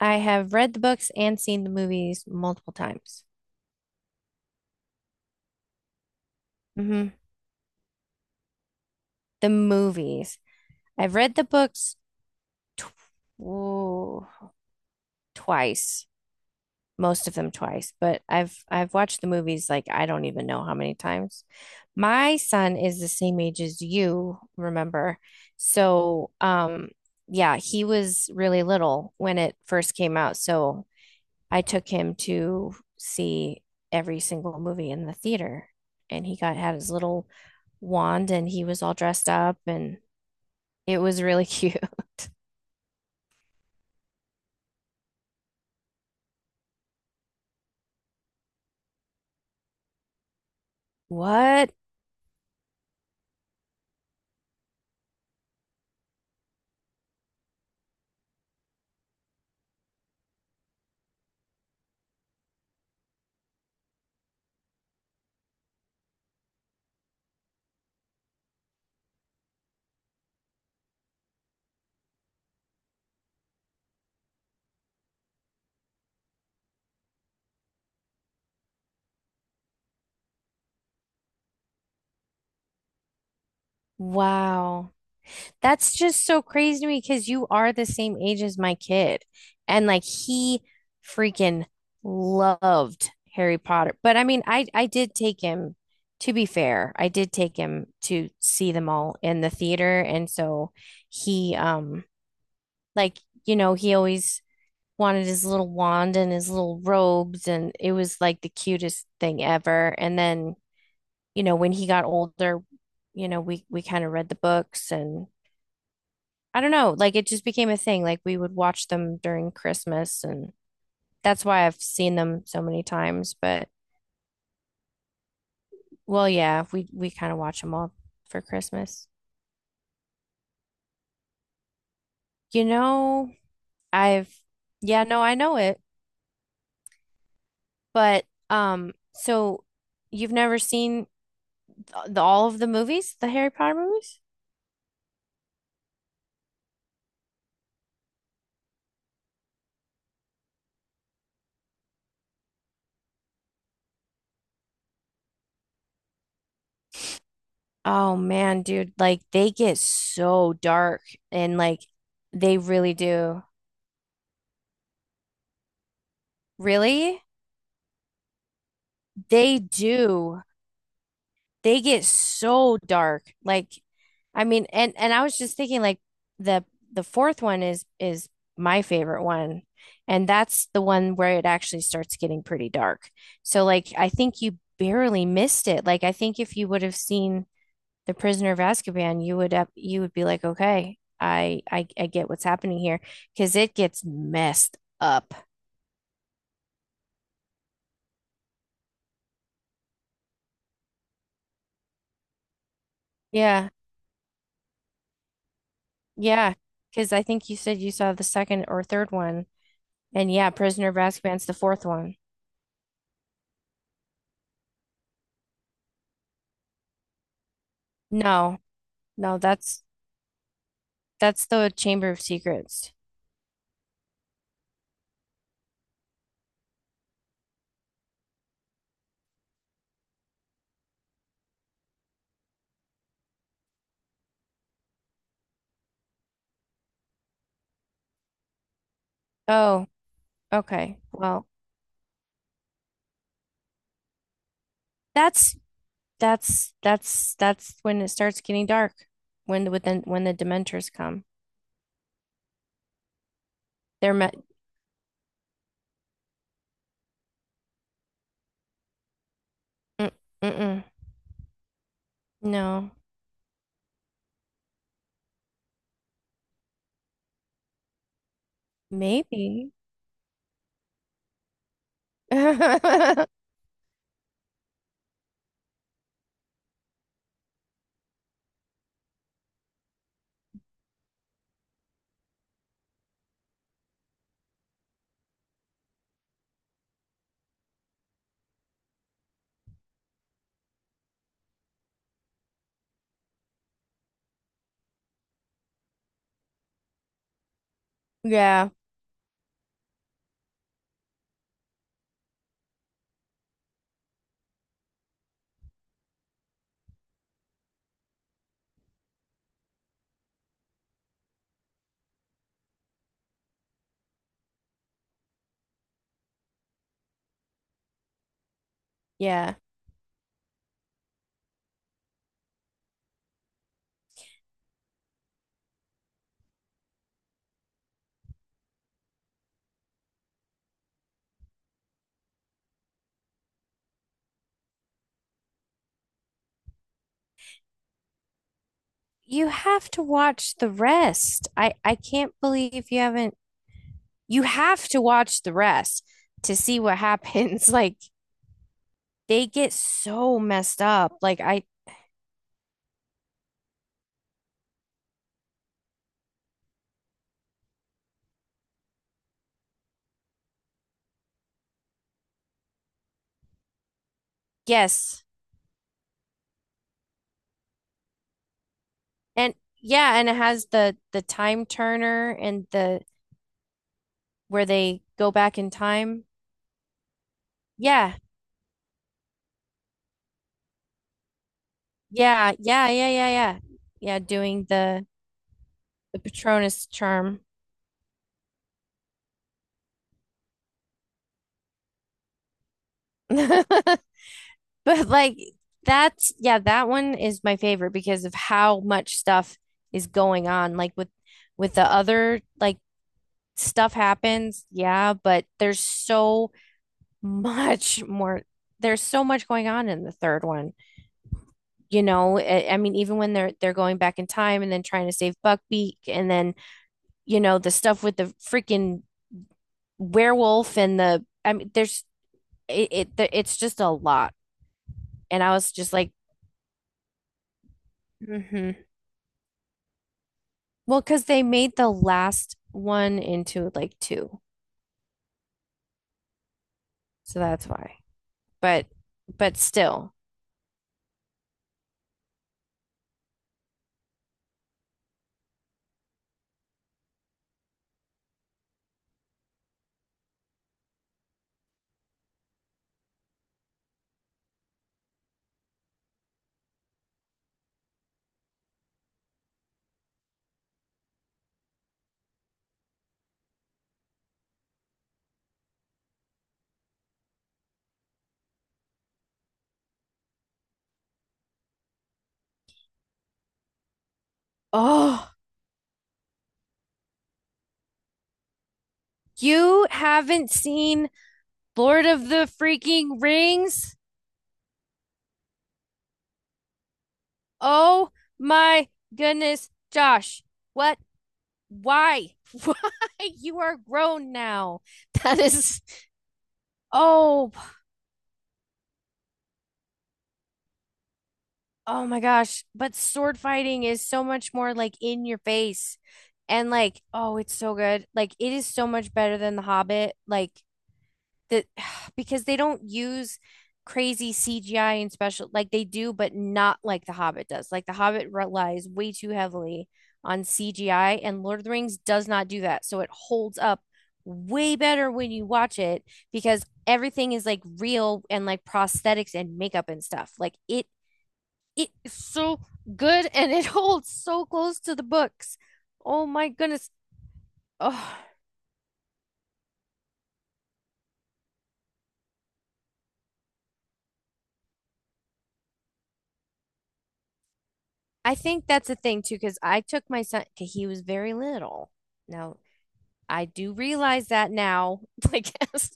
I have read the books and seen the movies multiple times. hmm The movies. I've read the books tw ooh, twice, most of them twice, but I've watched the movies like I don't even know how many times. My son is the same age as you, remember? So, um, yeah, he was really little when it first came out. So I took him to see every single movie in the theater, and he got had his little wand, and he was all dressed up, and it was really cute. What? Wow. That's just so crazy to me because you are the same age as my kid. And like he freaking loved Harry Potter. But I mean, I did take him, to be fair, I did take him to see them all in the theater. And so he like, you know, he always wanted his little wand and his little robes, and it was like the cutest thing ever. And then, you know, when he got older, you know, we kind of read the books, and I don't know, like it just became a thing. Like we would watch them during Christmas, and that's why I've seen them so many times. But well, yeah, we kind of watch them all for Christmas. You know, I've yeah, no, I know it. But um so you've never seen all of the movies, the Harry Potter movies? Oh man, dude, like they get so dark, and like they really do. Really? They do. They get so dark. Like I mean, and I was just thinking like the the fourth one is my favorite one. And that's the one where it actually starts getting pretty dark. So like I think you barely missed it. Like I think if you would have seen the prisoner of Azkaban, you would up you would be like, okay, I get what's happening here because it gets messed up. Yeah, yeah. Because I think you said you saw the second or third one, and yeah, Prisoner of Azkaban's the fourth one. No, no, that's the Chamber of Secrets. Oh, okay. Well, that's that's when it starts getting dark. When the when the Dementors come, they're met. Mm, mm-mm. No, maybe. Yeah, yeah. You have to watch the rest. I can't believe you haven't. You have to watch the rest to see what happens. Like they get so messed up. Like I yes. And yeah, and it has the time turner and the where they go back in time. Yeah. Yeah, yeah, yeah, yeah, yeah. Yeah, doing the Patronus charm. But like that's yeah, that one is my favorite because of how much stuff is going on. Like with the other like stuff happens, yeah, but there's so much more there's so much going on in the third one. You know, I mean even when they're going back in time and then trying to save Buckbeak, and then, you know, the stuff with the freaking werewolf and the I mean there's it, it's just a lot. And I was just like, mm-hmm. Well, because they made the last one into like two. So that's why. But but still. Oh, you haven't seen Lord of the freaking Rings? Oh my goodness, Josh. What? Why? Why? You are grown now. That is oh, oh my gosh. But sword fighting is so much more like in your face. And like, oh, it's so good. Like it is so much better than The Hobbit. Like that because they don't use crazy CGI and special like they do, but not like The Hobbit does. Like The Hobbit relies way too heavily on CGI, and Lord of the Rings does not do that. So it holds up way better when you watch it because everything is like real and like prosthetics and makeup and stuff. Like it is so good, and it holds so close to the books. Oh my goodness. Oh, I think that's a thing too, because I took my son, 'cause he was very little. Now, I do realize that now, I guess,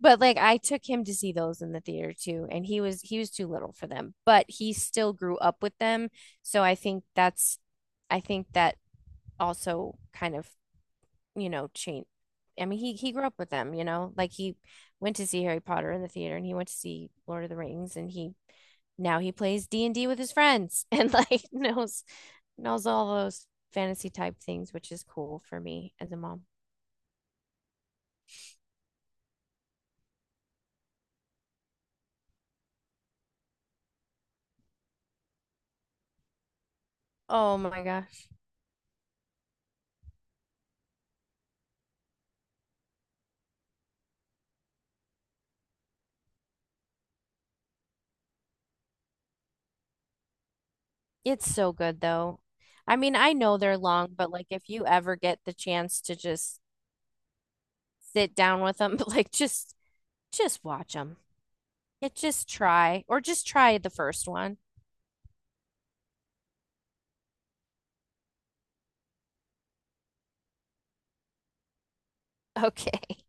but like I took him to see those in the theater too, and he was too little for them, but he still grew up with them. So I think that's I think that also kind of you know, change. I mean, he grew up with them, you know. Like he went to see Harry Potter in the theater, and he went to see Lord of the Rings, and he now he plays D&D with his friends and like knows all those fantasy type things, which is cool for me as a mom. Oh my gosh. It's so good though. I mean, I know they're long, but like if you ever get the chance to just sit down with them, like just watch them. It just try or just try the first one. Okay.